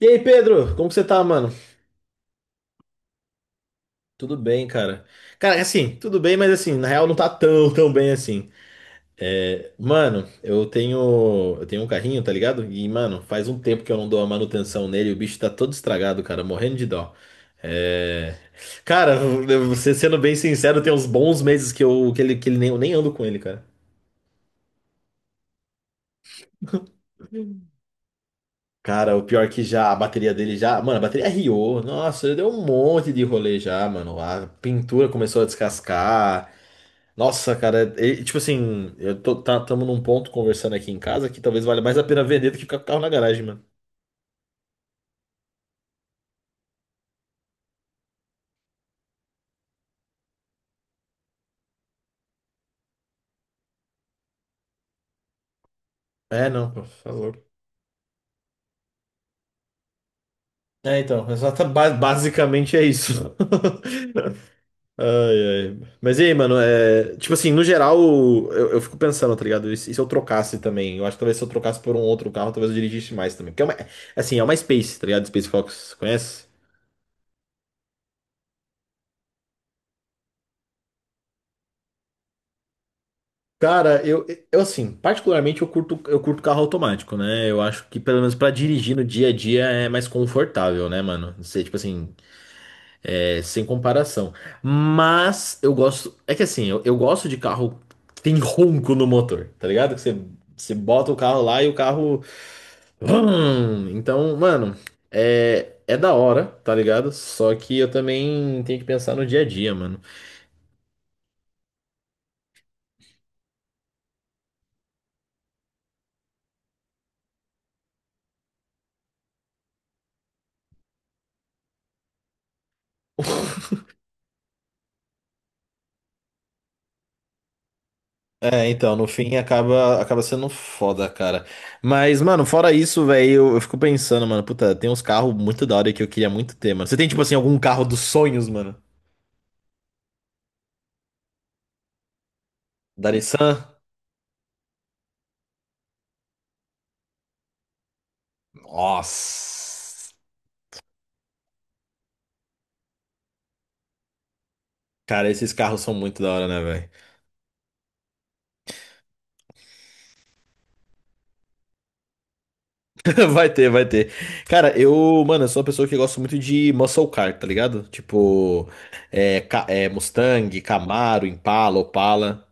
E aí, Pedro, como que você tá, mano? Tudo bem, cara. Cara, assim, tudo bem, mas assim, na real não tá tão, tão bem assim. É, mano, eu tenho um carrinho, tá ligado? E, mano, faz um tempo que eu não dou a manutenção nele, o bicho tá todo estragado, cara, morrendo de dó. É, cara, você sendo bem sincero, tem uns bons meses que eu, que ele nem, eu nem ando com ele, cara. Cara, o pior que já a bateria dele já. Mano, a bateria riou. Nossa, ele deu um monte de rolê já, mano. A pintura começou a descascar. Nossa, cara, tipo assim, tamo num ponto conversando aqui em casa que talvez valha mais a pena vender do que ficar com o carro na garagem, mano. É, não, pô, por favor. É, então, basicamente é isso. Ai, ai. Mas e aí, mano, é, tipo assim, no geral, eu fico pensando, tá ligado? E se eu trocasse também? Eu acho que talvez se eu trocasse por um outro carro, talvez eu dirigisse mais também. Porque é uma Space, tá ligado? Space Fox, conhece? Cara, eu assim, particularmente eu curto carro automático, né? Eu acho que pelo menos pra dirigir no dia a dia é mais confortável, né, mano? Você, tipo assim, é, sem comparação. Mas eu gosto, é que assim, eu gosto de carro que tem ronco no motor, tá ligado? Você bota o carro lá e o carro. Vrum! Então, mano, é da hora, tá ligado? Só que eu também tenho que pensar no dia a dia, mano. É, então, no fim acaba, acaba sendo foda, cara. Mas, mano, fora isso, velho, eu fico pensando, mano, puta, tem uns carros muito da hora que eu queria muito ter, mano. Você tem, tipo assim, algum carro dos sonhos, mano? Da Nissan? Nossa. Cara, esses carros são muito da hora, né, velho? Vai ter, vai ter. Cara, eu sou uma pessoa que gosta muito de muscle car, tá ligado? Tipo, Mustang, Camaro, Impala, Opala.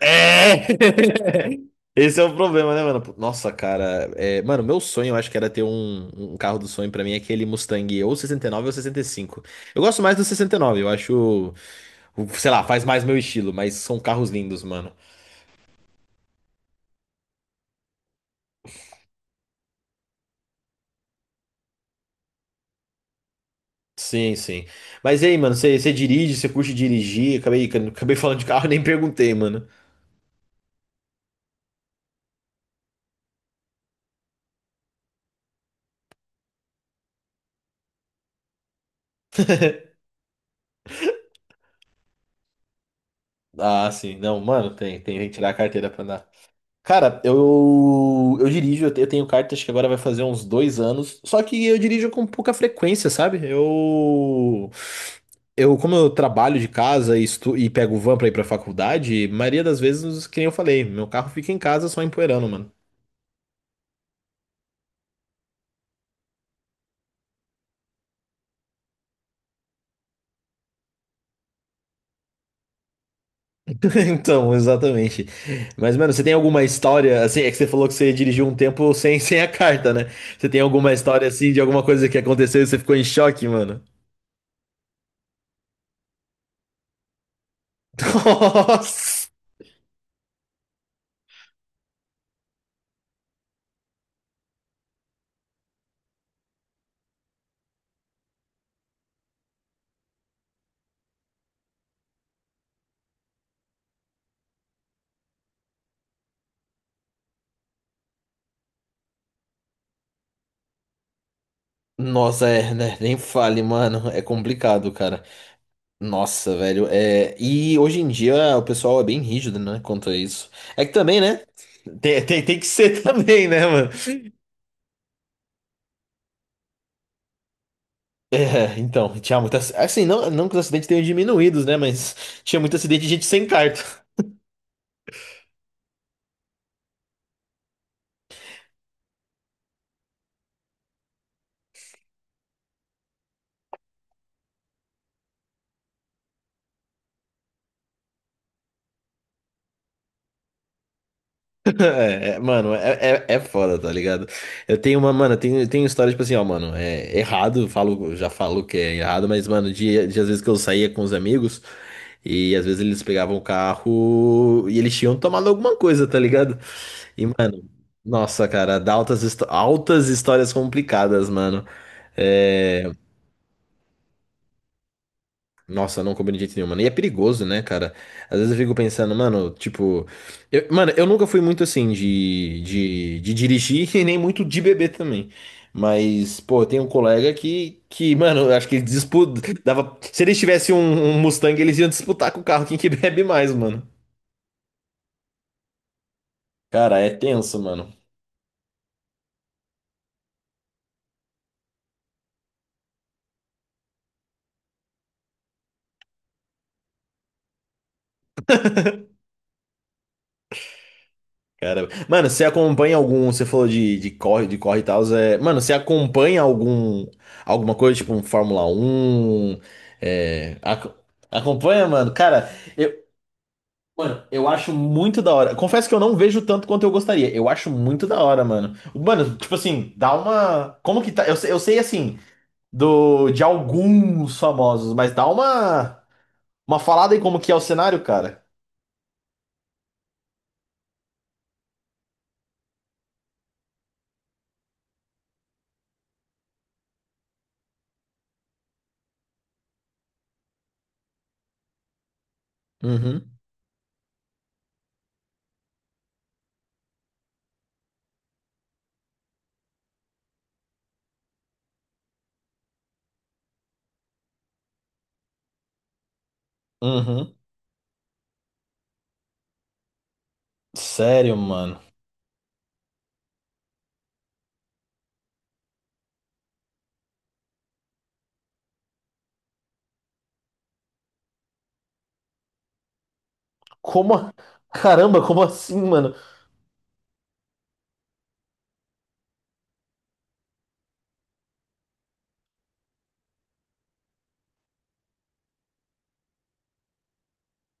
É! Esse é o problema, né, mano? Nossa, cara. É, mano, meu sonho, eu acho que era ter um carro do sonho pra mim, é aquele Mustang ou 69 ou 65. Eu gosto mais do 69, eu acho. Sei lá, faz mais meu estilo, mas são carros lindos, mano. Sim, sim. Mas e aí, mano, você dirige, você curte dirigir? Acabei falando de carro, nem perguntei, mano. Ah, sim. Não, mano, tem que tirar a carteira pra andar. Cara, eu dirijo, eu tenho carta, acho que agora vai fazer uns 2 anos. Só que eu dirijo com pouca frequência, sabe? Eu como eu trabalho de casa e, e pego o van pra ir pra faculdade, maioria das vezes, que nem eu falei, meu carro fica em casa só empoeirando, mano. Então, exatamente. Mas, mano, você tem alguma história, assim, é que você falou que você dirigiu um tempo sem a carta, né? Você tem alguma história, assim, de alguma coisa que aconteceu e você ficou em choque, mano? Nossa! Nossa, é, né? Nem fale, mano. É complicado, cara. Nossa, velho. É... E hoje em dia o pessoal é bem rígido, né? Quanto a isso. É que também, né? Tem que ser também, né, mano? É, então, tinha muita. Assim, não que os acidentes tenham diminuídos, né? Mas tinha muito acidente de gente sem carta. Mano, é foda, tá ligado? Mano, eu tenho história, tipo assim, ó, mano, é errado, já falo que é errado, mas, mano, de às vezes que eu saía com os amigos e às vezes eles pegavam o carro e eles tinham tomado alguma coisa, tá ligado? E, mano, nossa, cara, dá altas histórias complicadas, mano. É, Nossa, não combina de jeito nenhum, mano. E é perigoso, né, cara? Às vezes eu fico pensando, mano, tipo. Mano, eu nunca fui muito assim de dirigir e nem muito de beber também. Mas, pô, tem um colega mano, eu acho que ele disputa. Dava, se eles tivessem um Mustang, eles iam disputar com o carro quem que bebe mais, mano. Cara, é tenso, mano. Cara, mano, você acompanha algum, você falou de corre e tal, é, mano, você acompanha alguma coisa, tipo um Fórmula 1? é, ac- acompanha, mano? Cara, eu, eu acho muito da hora. Confesso que eu não vejo tanto quanto eu gostaria. Eu acho muito da hora, mano. Mano, tipo assim, dá uma, como que tá? Eu sei assim do de alguns famosos, mas dá uma falada aí como que é o cenário, cara. Uhum. Uhum. Sério, mano. Como? Caramba, como assim, mano?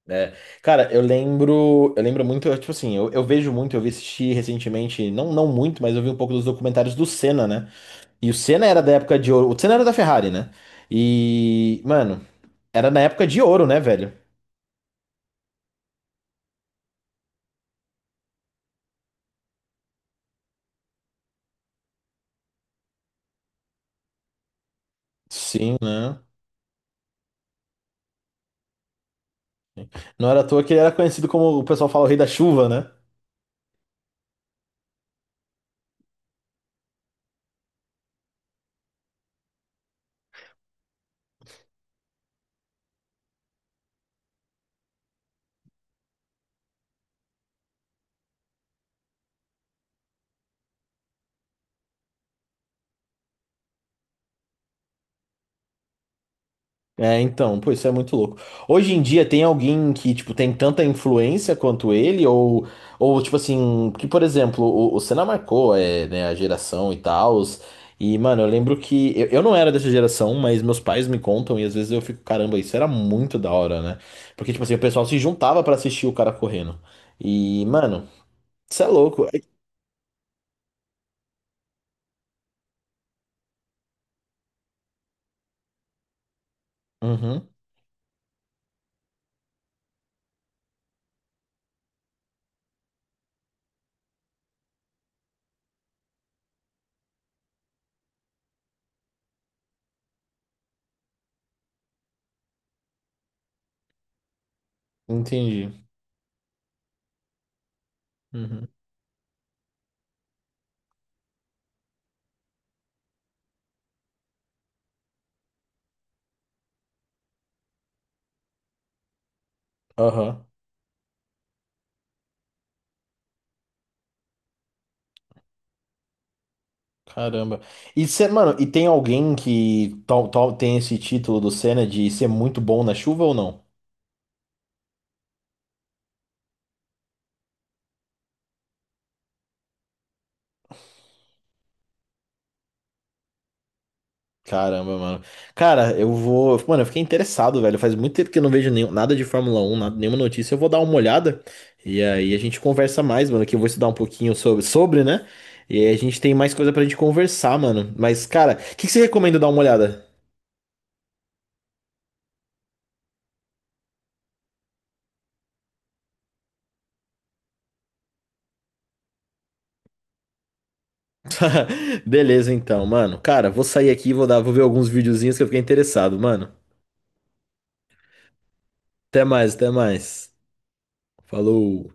É, cara, eu lembro muito, tipo assim, eu vi assistir recentemente, não muito, mas eu vi um pouco dos documentários do Senna, né? E o Senna era da época de ouro, o Senna era da Ferrari, né? E, mano, era na época de ouro, né, velho? Sim, né? Não era à toa que ele era conhecido como o pessoal fala o rei da chuva, né? É, então, pô, isso é muito louco. Hoje em dia tem alguém que, tipo, tem tanta influência quanto ele, ou tipo assim, que, por exemplo, o Senna marcou, é, né, a geração e tal, e, mano, eu lembro que, eu não era dessa geração, mas meus pais me contam, e às vezes eu fico, caramba, isso era muito da hora, né? Porque, tipo assim, o pessoal se juntava pra assistir o cara correndo. E, mano, isso é louco. Uhum, entendi. Uhum. Aham. Caramba. E cê, mano, e tem alguém tal tem esse título do Senna de ser muito bom na chuva ou não? Caramba, mano. Cara, eu vou. Mano, eu fiquei interessado, velho. Faz muito tempo que eu não vejo nada de Fórmula 1 nenhuma notícia. Eu vou dar uma olhada e aí a gente conversa mais, mano. Que eu vou estudar um pouquinho sobre, né? E aí a gente tem mais coisa pra gente conversar, mano. Mas, cara, o que que você recomenda dar uma olhada? Beleza, então, mano. Cara, vou sair aqui, vou ver alguns videozinhos que eu fiquei interessado, mano. Até mais, até mais. Falou.